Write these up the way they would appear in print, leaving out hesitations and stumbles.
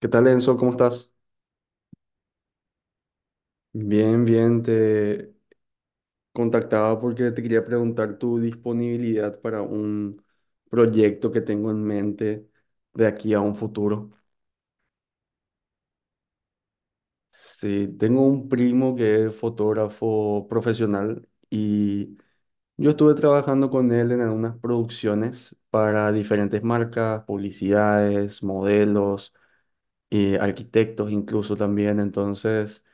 ¿Qué tal, Enzo? ¿Cómo estás? Bien, te contactaba porque te quería preguntar tu disponibilidad para un proyecto que tengo en mente de aquí a un futuro. Sí, tengo un primo que es fotógrafo profesional y yo estuve trabajando con él en algunas producciones para diferentes marcas, publicidades, modelos, arquitectos incluso también. Entonces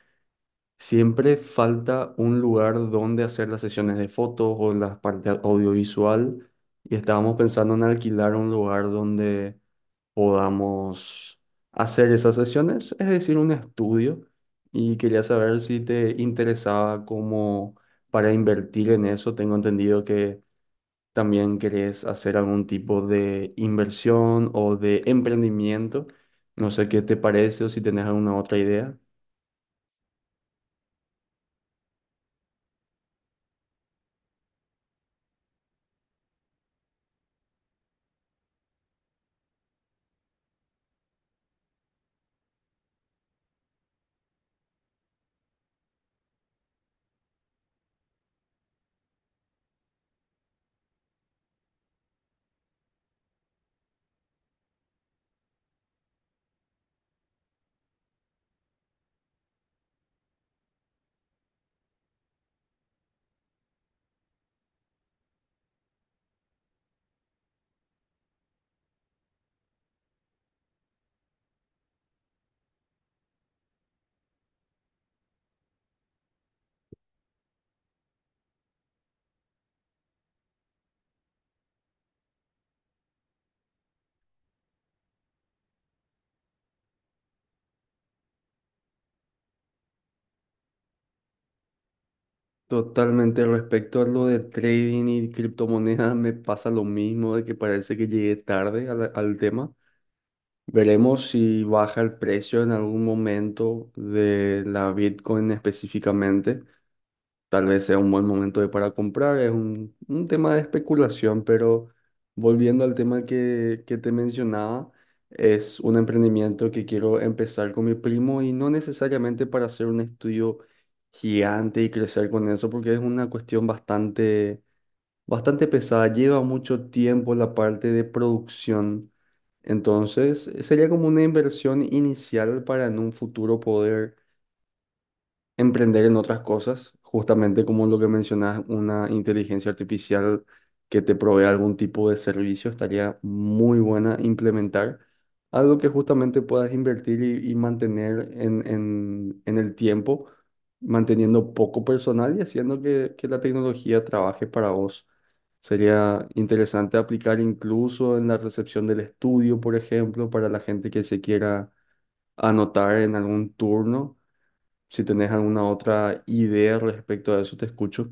siempre falta un lugar donde hacer las sesiones de fotos o la parte audiovisual y estábamos pensando en alquilar un lugar donde podamos hacer esas sesiones, es decir, un estudio y quería saber si te interesaba como para invertir en eso. Tengo entendido que también querés hacer algún tipo de inversión o de emprendimiento. No sé qué te parece o si tenés alguna otra idea. Totalmente, respecto a lo de trading y criptomonedas, me pasa lo mismo, de que parece que llegué tarde al tema. Veremos si baja el precio en algún momento de la Bitcoin específicamente. Tal vez sea un buen momento para comprar, es un tema de especulación, pero volviendo al tema que te mencionaba, es un emprendimiento que quiero empezar con mi primo y no necesariamente para hacer un estudio gigante y crecer con eso, porque es una cuestión bastante pesada, lleva mucho tiempo la parte de producción, entonces sería como una inversión inicial para en un futuro poder emprender en otras cosas, justamente como lo que mencionas, una inteligencia artificial que te provea algún tipo de servicio, estaría muy buena implementar. Algo que justamente puedas invertir y mantener en el tiempo, manteniendo poco personal y haciendo que la tecnología trabaje para vos. Sería interesante aplicar incluso en la recepción del estudio, por ejemplo, para la gente que se quiera anotar en algún turno si tenés alguna otra idea respecto a eso, te escucho.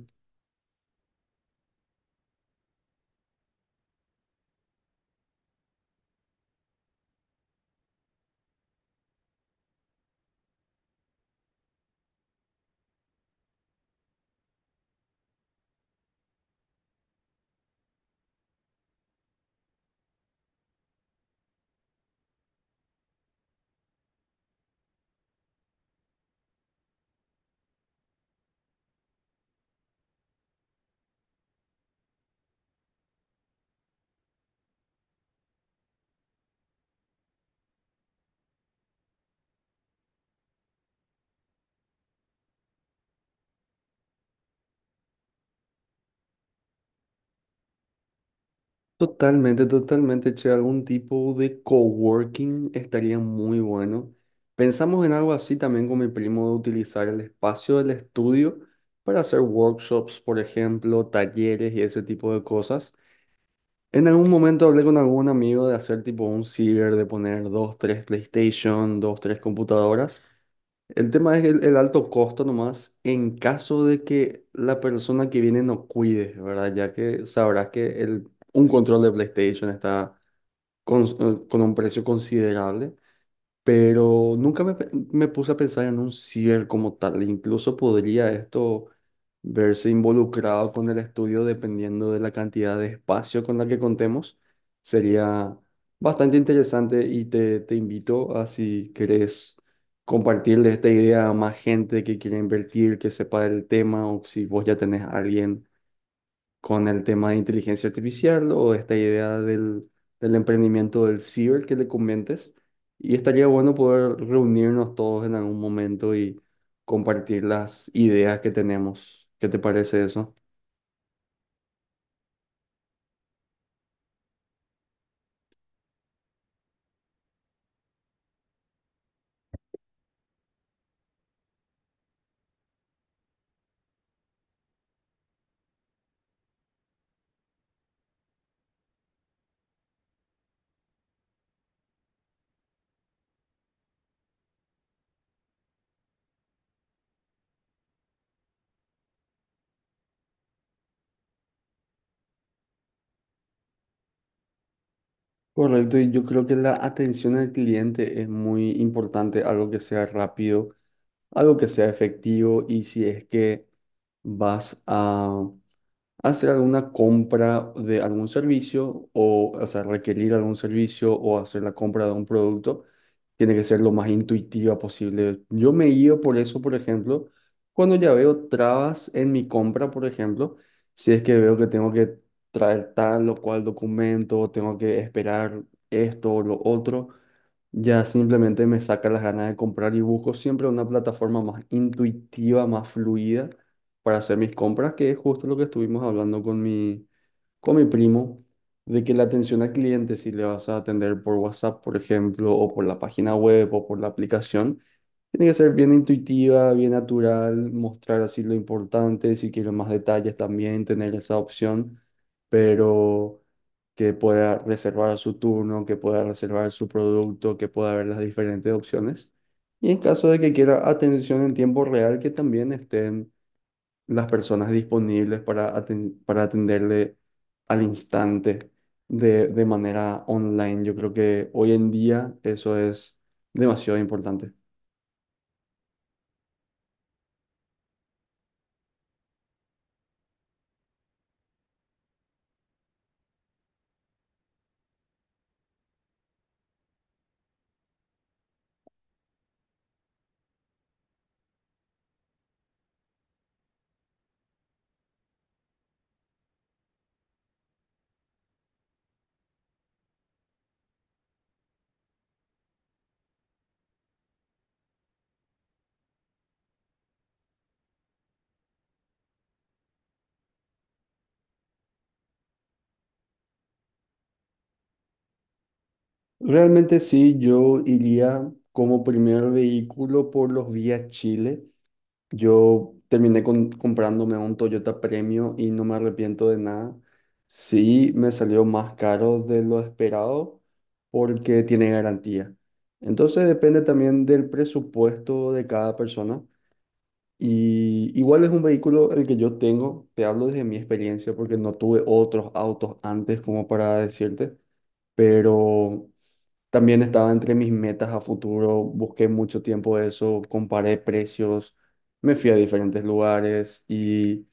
Totalmente, che, algún tipo de coworking estaría muy bueno. Pensamos en algo así también con mi primo de utilizar el espacio del estudio para hacer workshops, por ejemplo, talleres y ese tipo de cosas. En algún momento hablé con algún amigo de hacer tipo un ciber, de poner dos, tres PlayStation, dos, tres computadoras. El tema es el alto costo nomás en caso de que la persona que viene no cuide, ¿verdad? Ya que sabrás que el, un control de PlayStation está con un precio considerable, pero nunca me, me puse a pensar en un cierre como tal. Incluso podría esto verse involucrado con el estudio dependiendo de la cantidad de espacio con la que contemos. Sería bastante interesante y te invito a si querés compartirle esta idea a más gente que quiera invertir, que sepa del tema o si vos ya tenés a alguien con el tema de inteligencia artificial o esta idea del emprendimiento del ciber que le comentes. Y estaría bueno poder reunirnos todos en algún momento y compartir las ideas que tenemos. ¿Qué te parece eso? Correcto, y yo creo que la atención al cliente es muy importante, algo que sea rápido, algo que sea efectivo y si es que vas a hacer alguna compra de algún servicio o sea, requerir algún servicio o hacer la compra de un producto, tiene que ser lo más intuitiva posible. Yo me guío por eso, por ejemplo, cuando ya veo trabas en mi compra, por ejemplo, si es que veo que tengo que traer tal o cual documento, tengo que esperar esto o lo otro. Ya simplemente me saca las ganas de comprar y busco siempre una plataforma más intuitiva, más fluida para hacer mis compras, que es justo lo que estuvimos hablando con con mi primo, de que la atención al cliente, si le vas a atender por WhatsApp, por ejemplo, o por la página web o por la aplicación, tiene que ser bien intuitiva, bien natural, mostrar así lo importante, si quiero más detalles también, tener esa opción, pero que pueda reservar su turno, que pueda reservar su producto, que pueda ver las diferentes opciones. Y en caso de que quiera atención en tiempo real, que también estén las personas disponibles para, para atenderle al instante de manera online. Yo creo que hoy en día eso es demasiado importante. Realmente sí, yo iría como primer vehículo por los Vía Chile. Yo terminé comprándome un Toyota Premio y no me arrepiento de nada. Sí, me salió más caro de lo esperado porque tiene garantía. Entonces depende también del presupuesto de cada persona. Y igual es un vehículo el que yo tengo, te hablo desde mi experiencia porque no tuve otros autos antes como para decirte, pero también estaba entre mis metas a futuro, busqué mucho tiempo eso, comparé precios, me fui a diferentes lugares y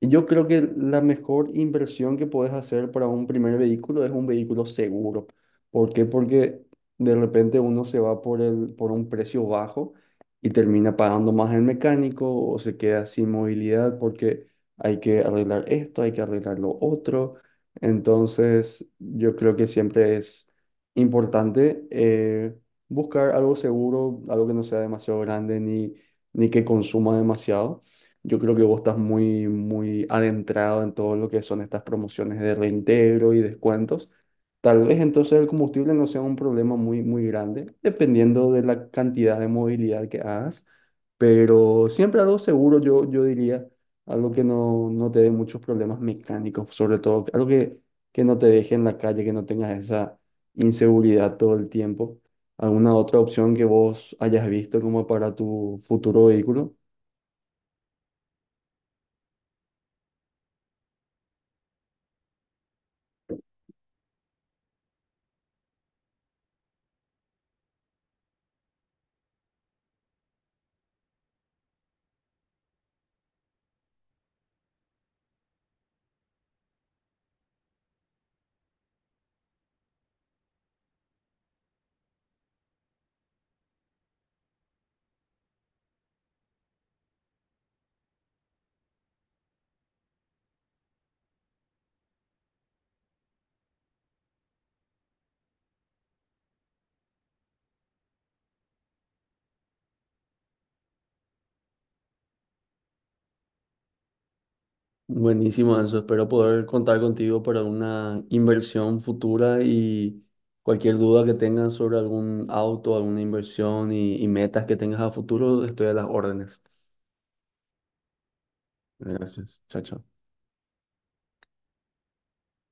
yo creo que la mejor inversión que puedes hacer para un primer vehículo es un vehículo seguro. ¿Por qué? Porque de repente uno se va por el, por un precio bajo y termina pagando más el mecánico o se queda sin movilidad porque hay que arreglar esto, hay que arreglar lo otro. Entonces, yo creo que siempre es importante buscar algo seguro, algo que no sea demasiado grande ni, ni que consuma demasiado. Yo creo que vos estás muy adentrado en todo lo que son estas promociones de reintegro y descuentos. Tal vez entonces el combustible no sea un problema muy grande, dependiendo de la cantidad de movilidad que hagas, pero siempre algo seguro, yo diría, algo que no te dé muchos problemas mecánicos, sobre todo, algo que no te deje en la calle, que no tengas esa inseguridad todo el tiempo. ¿Alguna otra opción que vos hayas visto como para tu futuro vehículo? Buenísimo, Anso. Espero poder contar contigo para una inversión futura y cualquier duda que tengas sobre algún auto, alguna inversión y metas que tengas a futuro, estoy a las órdenes. Gracias. Chao, chao.